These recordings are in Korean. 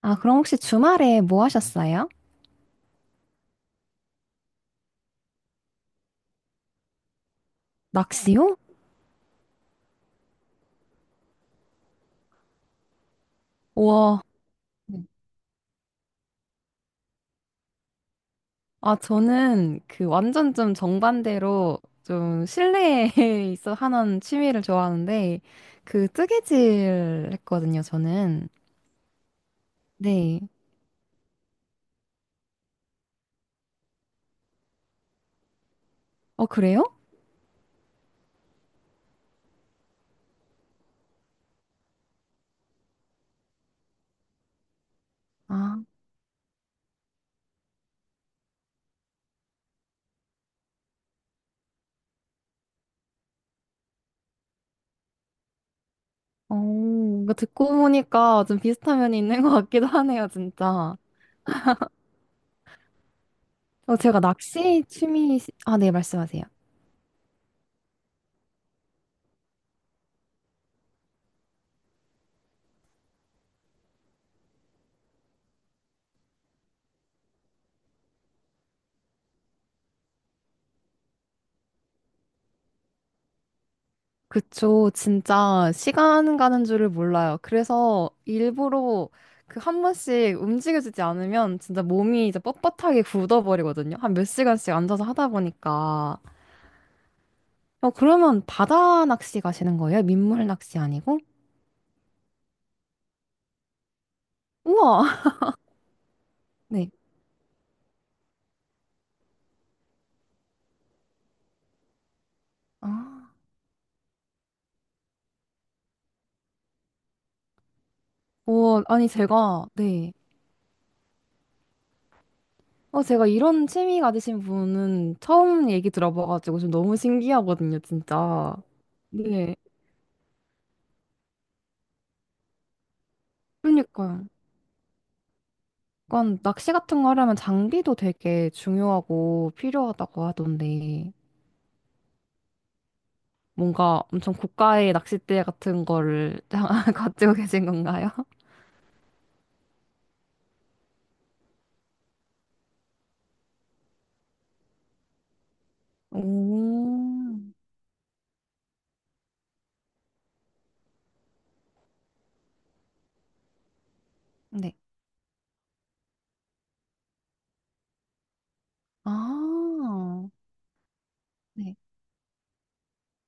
아, 그럼 혹시 주말에 뭐 하셨어요? 낚시요? 우와. 네. 아, 저는 그 완전 좀 정반대로 좀 실내에 있어 하는 취미를 좋아하는데 그 뜨개질 했거든요, 저는. 네. 어, 그래요? 아, 어, 이거 듣고 보니까 좀 비슷한 면이 있는 것 같기도 하네요, 진짜. 어, 제가 낚시 취미, 아, 네, 말씀하세요. 그쵸. 진짜 시간 가는 줄을 몰라요. 그래서 일부러 그 한 번씩 움직여주지 않으면 진짜 몸이 이제 뻣뻣하게 굳어버리거든요. 한 몇 시간씩 앉아서 하다 보니까. 어, 그러면 바다 낚시 가시는 거예요? 민물 낚시 아니고? 우와! 네. 아, 오, 아니, 제가, 네. 어, 제가 이런 취미 가지신 분은 처음 얘기 들어봐가지고 좀 너무 신기하거든요, 진짜. 네. 그러니까요. 약간 낚시 같은 거 하려면 장비도 되게 중요하고 필요하다고 하던데 뭔가 엄청 고가의 낚싯대 같은 거를 가지고 계신 건가요? 오, 네. 아, 네.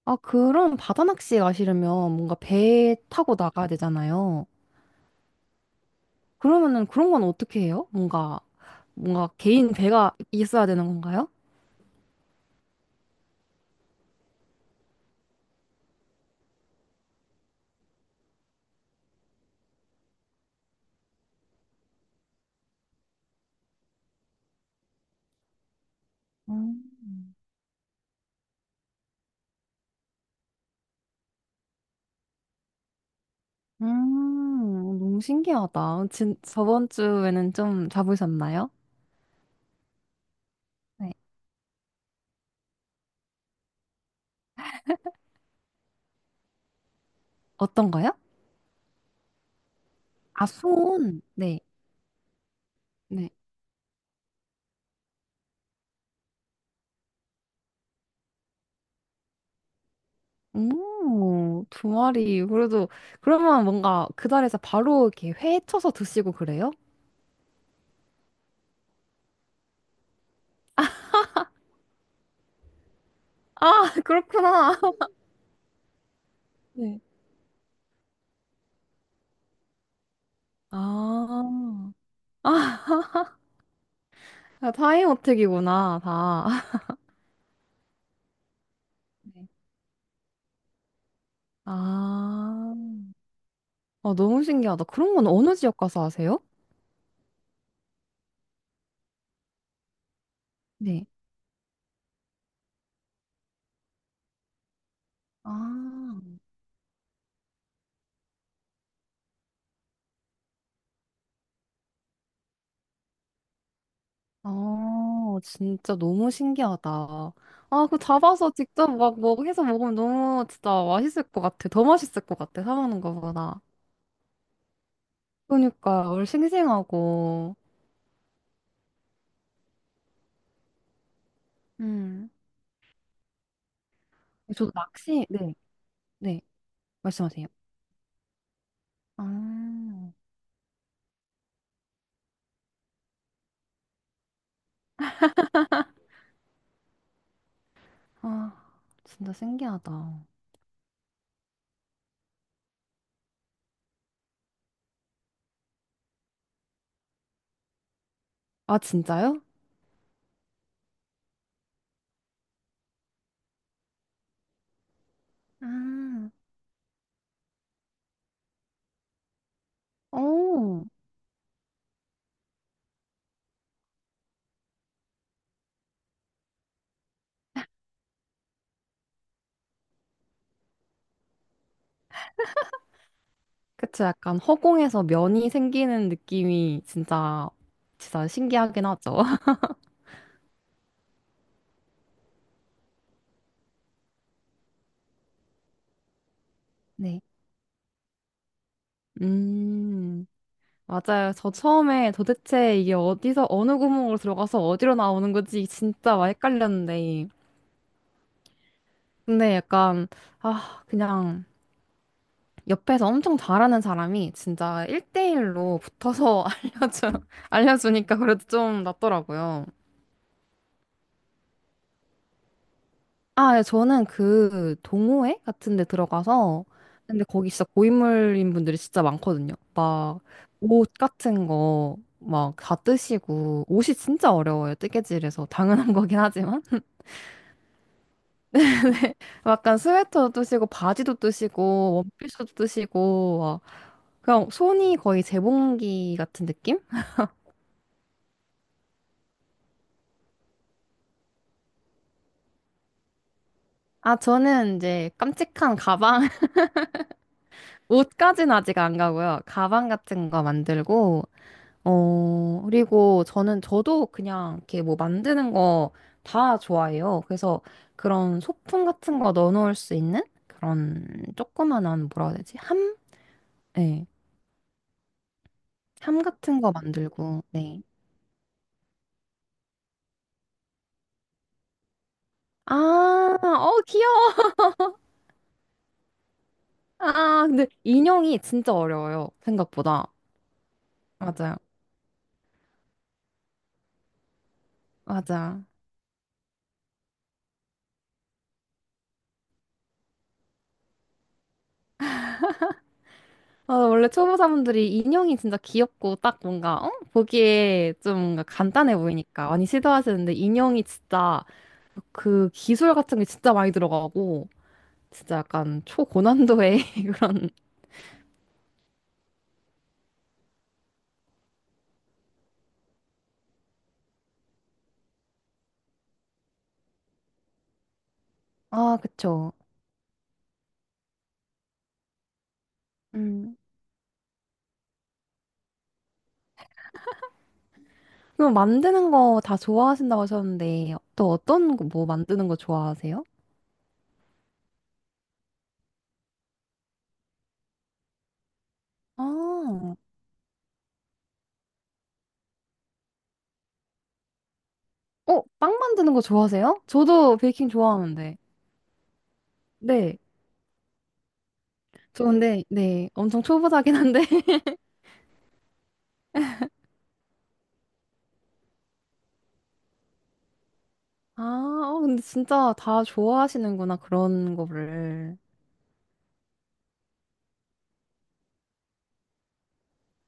아, 그럼 바다 낚시 가시려면 뭔가 배 타고 나가야 되잖아요. 그러면은 그런 건 어떻게 해요? 뭔가, 뭔가 개인 배가 있어야 되는 건가요? 음, 너무 신기하다. 진, 저번 주에는 좀 잡으셨나요? 네. 어떤 거요? 아, 손. 네. 네. 오, 두 마리. 그래도, 그러면 뭔가 그 자리에서 바로 이렇게 회 쳐서 드시고 그래요? 아, 그렇구나. 네. 아, 아, 타이어택이구나 다. 네. 아, 아, 너무 신기하다. 그런 건 어느 지역 가서 하세요? 네. 아. 아, 진짜 너무 신기하다. 아, 그 잡아서 직접 막 뭐 해서 먹으면 너무 진짜 맛있을 것 같아. 더 맛있을 것 같아. 사 먹는 거보다. 그러니까 얼 싱싱하고. 음. 저도 낚시, 네, 네, 말씀하세요. 아, 아, 진짜 신기하다. 아, 진짜요? 아, 오, 그쵸. 약간 허공에서 면이 생기는 느낌이 진짜, 진짜 신기하긴 하죠. 네. 음. 맞아요. 저 처음에 도대체 이게 어디서 어느 구멍으로 들어가서 어디로 나오는 거지 진짜 막 헷갈렸는데. 근데 약간 아 그냥 옆에서 엄청 잘하는 사람이 진짜 1대1로 붙어서 알려줘 알려주니까 그래도 좀 낫더라고요. 아, 예, 저는 그 동호회 같은 데 들어가서 근데 거기 진짜 고인물인 분들이 진짜 많거든요. 막 옷 같은 거 막 다 뜨시고 옷이 진짜 어려워요. 뜨개질에서 당연한 거긴 하지만 약간 스웨터도 뜨시고 바지도 뜨시고 원피스도 뜨시고 막 그냥 손이 거의 재봉기 같은 느낌? 아 저는 이제 깜찍한 가방 옷까지는 아직 안 가고요. 가방 같은 거 만들고 어 그리고 저는 저도 그냥 이렇게 뭐 만드는 거 다 좋아해요. 그래서 그런 소품 같은 거 넣어놓을 수 있는 그런 조그만한 뭐라 해야 되지? 함? 네. 함 같은 거 만들고 네. 아, 어, 귀여워. 아, 아, 근데 인형이 진짜 어려워요. 생각보다. 맞아요. 맞아. 아, 원래 초보자분들이 인형이 진짜 귀엽고 딱 뭔가, 어? 보기에 좀 뭔가 간단해 보이니까 많이 시도하시는데 인형이 진짜 그 기술 같은 게 진짜 많이 들어가고 진짜 약간 초고난도의 그런. 아, 그쵸. 음. 그럼 만드는 거 다 좋아하신다고 하셨는데 또 어떤 거 뭐 만드는 거 좋아하세요? 아, 어, 빵 만드는 거 좋아하세요? 저도 베이킹 좋아하는데. 네. 저 근데, 네. 엄청 초보자긴 한데. 아, 어, 근데 진짜 다 좋아하시는구나, 그런 거를.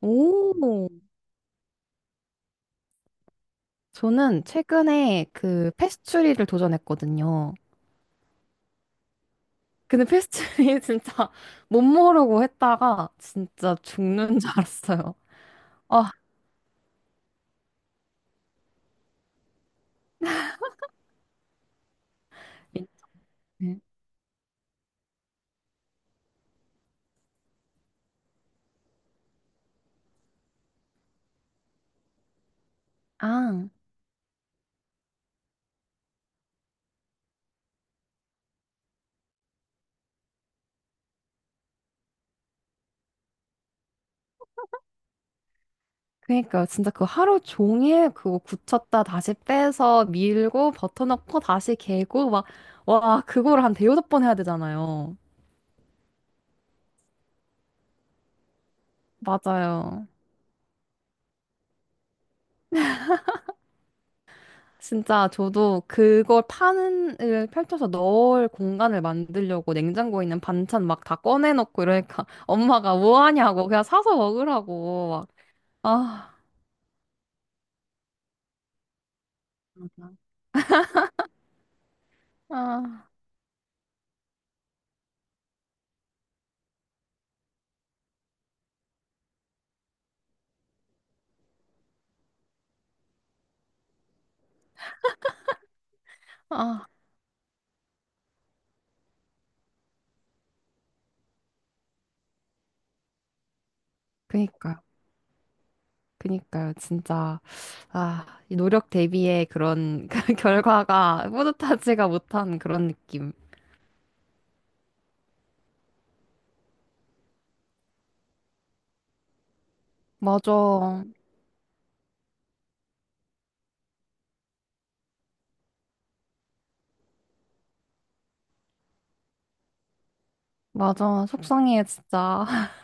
오, 저는 최근에 그 패스츄리를 도전했거든요. 근데 패스츄리 진짜 못 모르고 했다가 진짜 죽는 줄 알았어요. 아, 네. 아, 그러니까 진짜 그 하루 종일 그거 굳혔다 다시 빼서 밀고 버터 넣고 다시 개고 막, 와, 그거를 한 대여섯 번 해야 되잖아요. 맞아요. 진짜 저도 그걸 파는 을 펼쳐서 넣을 공간을 만들려고 냉장고에 있는 반찬 막 다 꺼내놓고 이러니까 엄마가 뭐 하냐고 그냥 사서 먹으라고 막 아, 맞아. 아, 아. 그니까요. 그니까요. 진짜 아, 이 노력 대비의 그런 그 결과가 뿌듯하지가 못한 그런 느낌. 맞아. 맞아. 속상해 진짜.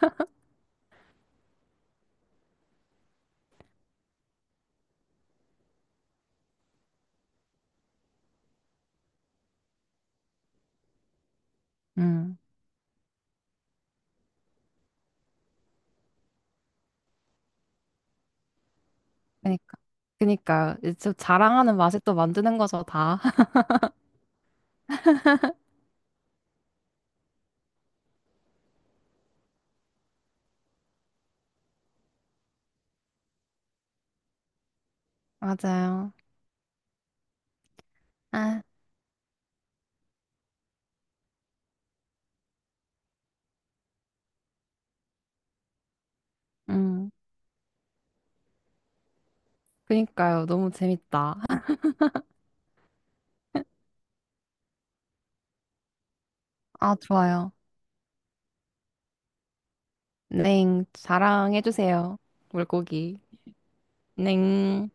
음. 그니까. 그니까 저 자랑하는 맛에 또 만드는 거죠, 다. 맞아요. 아, 음. 그니까요. 너무 재밌다. 아, 좋아요. 넹. 자랑해주세요. 물고기. 넹.